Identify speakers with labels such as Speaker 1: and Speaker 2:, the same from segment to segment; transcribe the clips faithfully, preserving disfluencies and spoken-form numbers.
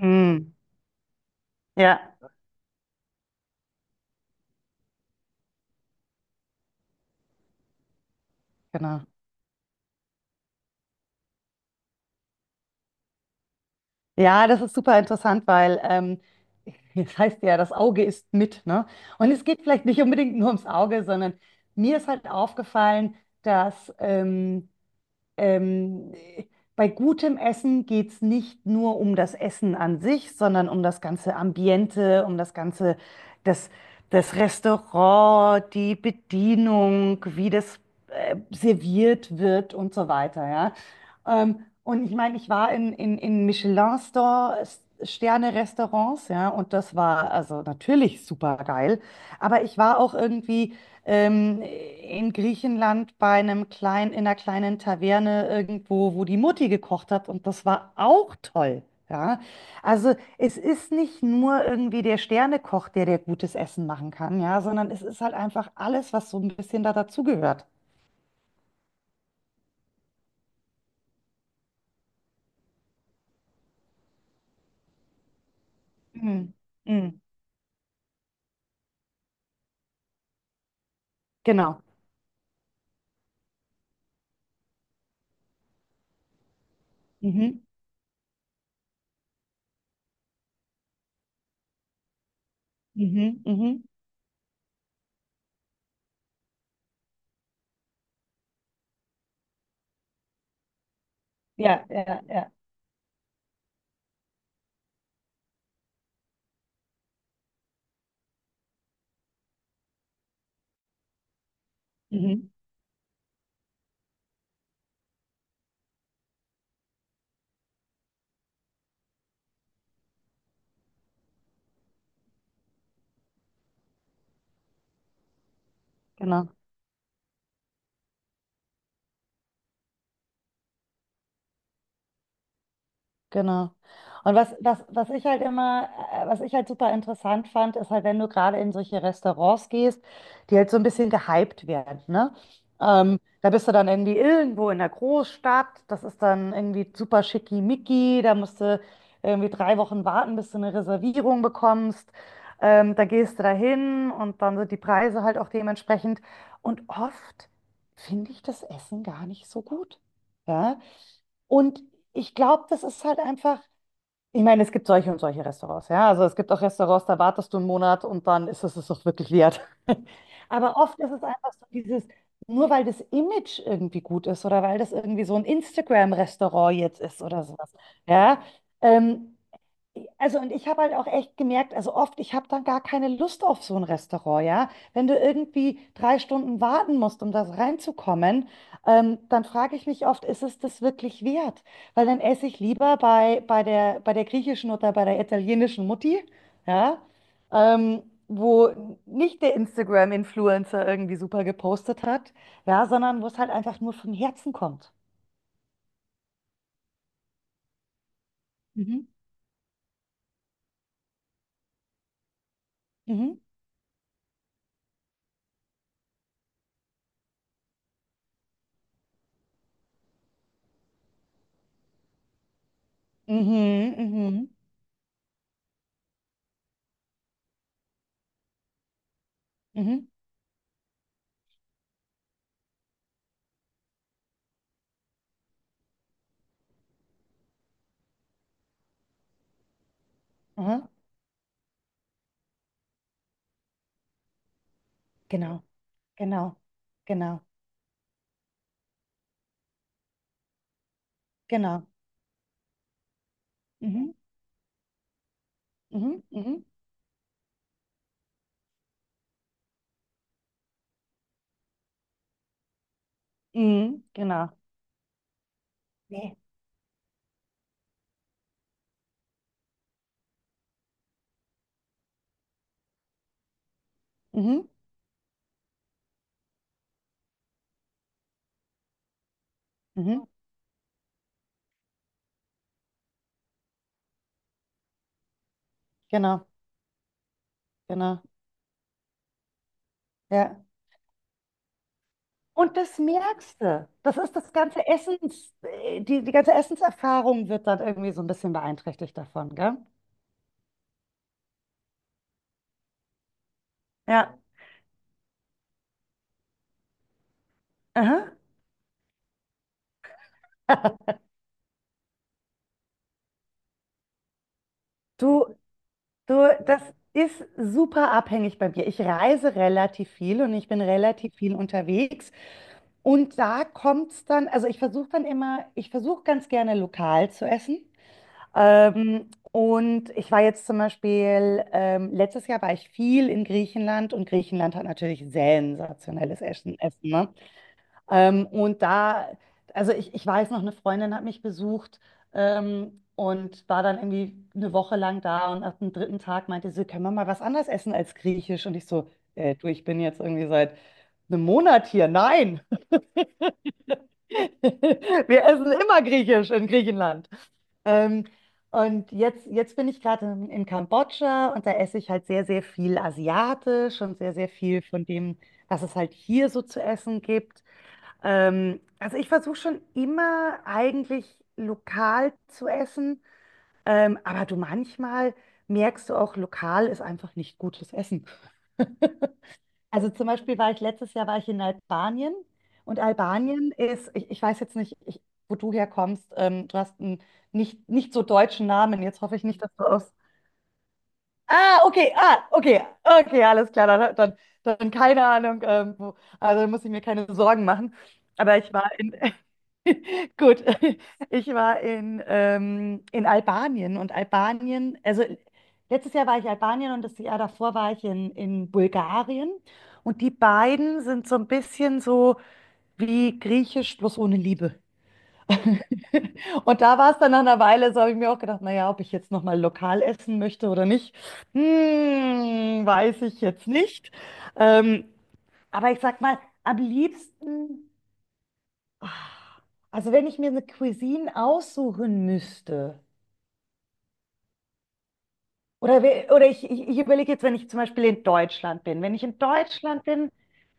Speaker 1: Mm, ja, genau. Ja, das ist super interessant, weil ähm, das heißt ja, das Auge ist mit, ne? Und es geht vielleicht nicht unbedingt nur ums Auge, sondern mir ist halt aufgefallen, dass ähm, Ähm, bei gutem Essen geht es nicht nur um das Essen an sich, sondern um das ganze Ambiente, um das ganze, das, das Restaurant, die Bedienung, wie das äh, serviert wird und so weiter, ja. Ähm, und ich meine, ich war in, in, in Michelin Sterne-Restaurants, ja, und das war also natürlich super geil. Aber ich war auch irgendwie ähm, in Griechenland bei einem kleinen, in einer kleinen Taverne irgendwo, wo die Mutti gekocht hat und das war auch toll. Ja, also es ist nicht nur irgendwie der Sternekoch, der der gutes Essen machen kann, ja, sondern es ist halt einfach alles, was so ein bisschen da dazugehört. Mhm. Mhm. Genau. Mhm. Mhm. Mhm. Ja, ja, ja. Mhm. Genau. Genau. Und was, was, was ich halt immer, äh, was ich halt super interessant fand, ist halt, wenn du gerade in solche Restaurants gehst, die halt so ein bisschen gehypt werden, ne? Ähm, da bist du dann irgendwie irgendwo in der Großstadt, das ist dann irgendwie super schickimicki, da musst du irgendwie drei Wochen warten, bis du eine Reservierung bekommst. Ähm, da gehst du dahin und dann sind die Preise halt auch dementsprechend. Und oft finde ich das Essen gar nicht so gut. Ja? Und ich glaube, das ist halt einfach, ich meine, es gibt solche und solche Restaurants, ja. Also es gibt auch Restaurants, da wartest du einen Monat und dann ist es es auch wirklich wert. Aber oft ist es einfach so dieses, nur weil das Image irgendwie gut ist oder weil das irgendwie so ein Instagram-Restaurant jetzt ist oder sowas, ja. Ähm, also und ich habe halt auch echt gemerkt, also oft, ich habe dann gar keine Lust auf so ein Restaurant, ja. Wenn du irgendwie drei Stunden warten musst, um das reinzukommen, ähm, dann frage ich mich oft, ist es das wirklich wert? Weil dann esse ich lieber bei, bei der, bei der griechischen oder bei der italienischen Mutti, ja, ähm, wo nicht der Instagram-Influencer irgendwie super gepostet hat, ja, sondern wo es halt einfach nur vom Herzen kommt. Mhm. Mhm. Mhm, mhm, mhm, Mhm. Aha, genau. Genau, genau, genau. Mhm, mhm, mhm, mhm, genau. Nee. Mhm, mhm, genau, genau. Ja. Und das merkst du. Das ist das ganze Essens, äh, Die die ganze Essenserfahrung wird dann irgendwie so ein bisschen beeinträchtigt davon, gell? Ja. Aha. Du, du, Das ist super abhängig bei mir. Ich reise relativ viel und ich bin relativ viel unterwegs. Und da kommt es dann, also ich versuche dann immer, ich versuche ganz gerne lokal zu essen. Ähm, und ich war jetzt zum Beispiel, ähm, letztes Jahr war ich viel in Griechenland und Griechenland hat natürlich sensationelles Essen. Essen, ne? Ähm, und da, also ich, ich weiß noch, eine Freundin hat mich besucht ähm, und war dann irgendwie eine Woche lang da und nach dem dritten Tag meinte sie, können wir mal was anderes essen als Griechisch? Und ich so, äh, du, ich bin jetzt irgendwie seit einem Monat hier. Nein, Wir essen immer Griechisch in Griechenland. Ähm, und jetzt, jetzt bin ich gerade in, in Kambodscha und da esse ich halt sehr, sehr viel asiatisch und sehr, sehr viel von dem, was es halt hier so zu essen gibt. Ähm, also ich versuche schon immer eigentlich lokal zu essen, ähm, aber du manchmal merkst du auch, lokal ist einfach nicht gutes Essen. Also zum Beispiel war ich letztes Jahr war ich in Albanien und Albanien ist, ich, ich weiß jetzt nicht, ich, wo du herkommst, ähm, du hast einen nicht, nicht so deutschen Namen. Jetzt hoffe ich nicht, dass du aus, ah, okay, ah, okay, okay, alles klar, dann, dann, dann keine Ahnung, ähm, wo, also dann muss ich mir keine Sorgen machen. Aber ich war in, gut, ich war in, ähm, in Albanien und Albanien, also letztes Jahr war ich in Albanien und das Jahr davor war ich in, in Bulgarien und die beiden sind so ein bisschen so wie Griechisch bloß ohne Liebe. Und da war es dann nach einer Weile, so habe ich mir auch gedacht, naja, ob ich jetzt nochmal lokal essen möchte oder nicht, hm, weiß ich jetzt nicht. Ähm, aber ich sag mal, am liebsten, ah, also wenn ich mir eine Cuisine aussuchen müsste, oder, we- oder ich, ich, ich überlege jetzt, wenn ich zum Beispiel in Deutschland bin, wenn ich in Deutschland bin,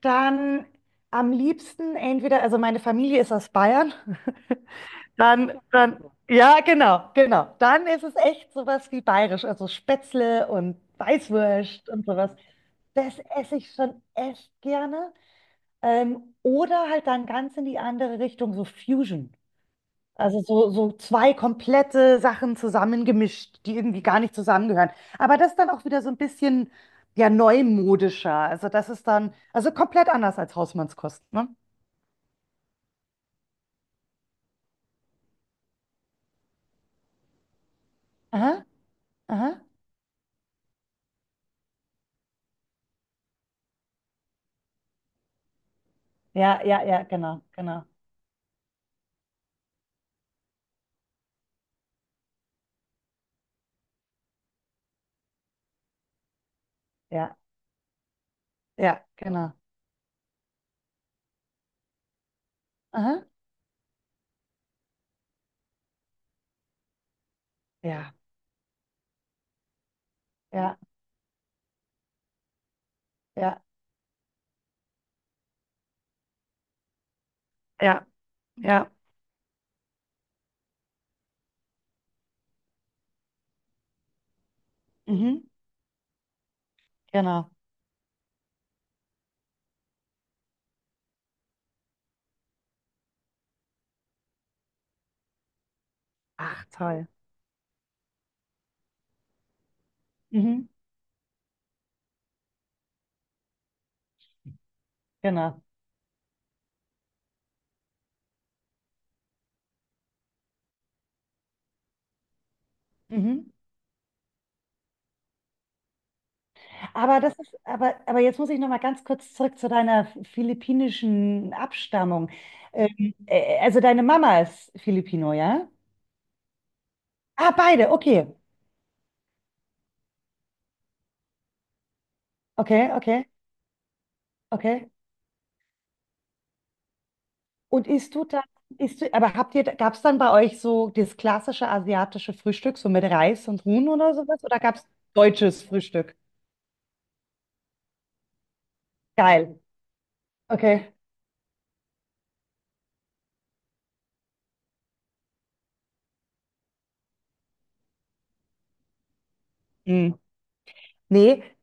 Speaker 1: dann am liebsten entweder, also meine Familie ist aus Bayern, Dann, dann, ja, genau, genau. Dann ist es echt sowas wie bayerisch, also Spätzle und Weißwurst und sowas. Das esse ich schon echt gerne. Ähm, oder halt dann ganz in die andere Richtung, so Fusion. Also so, so zwei komplette Sachen zusammengemischt, die irgendwie gar nicht zusammengehören. Aber das ist dann auch wieder so ein bisschen, ja, neumodischer. Also das ist dann, also komplett anders als Hausmannskost, ne? Aha, aha. Ja, ja, ja, genau, genau. Ja. Ja, genau. Aha. Ja, ja, ja, ja, ja. Mhm. Genau. Ach, toll. Mhm. Genau. Mhm. Aber das ist, aber, aber jetzt muss ich noch mal ganz kurz zurück zu deiner philippinischen Abstammung. Ähm, äh, also deine Mama ist Filipino, ja? Ah, beide. Okay. Okay, okay, okay. Und isst du dann, isst du, aber habt ihr, gab es dann bei euch so das klassische asiatische Frühstück, so mit Reis und Huhn oder sowas? Oder gab es deutsches Frühstück? Geil. Okay. Mhm. Nee,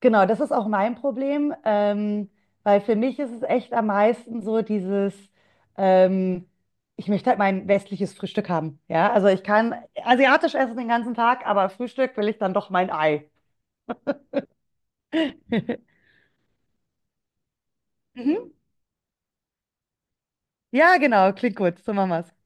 Speaker 1: genau, das ist auch mein Problem, ähm, weil für mich ist es echt am meisten so dieses, ähm, ich möchte halt mein westliches Frühstück haben. Ja, also ich kann asiatisch essen den ganzen Tag, aber Frühstück will ich dann doch mein Ei. Mhm. Ja, genau, klingt gut, so machen wir's.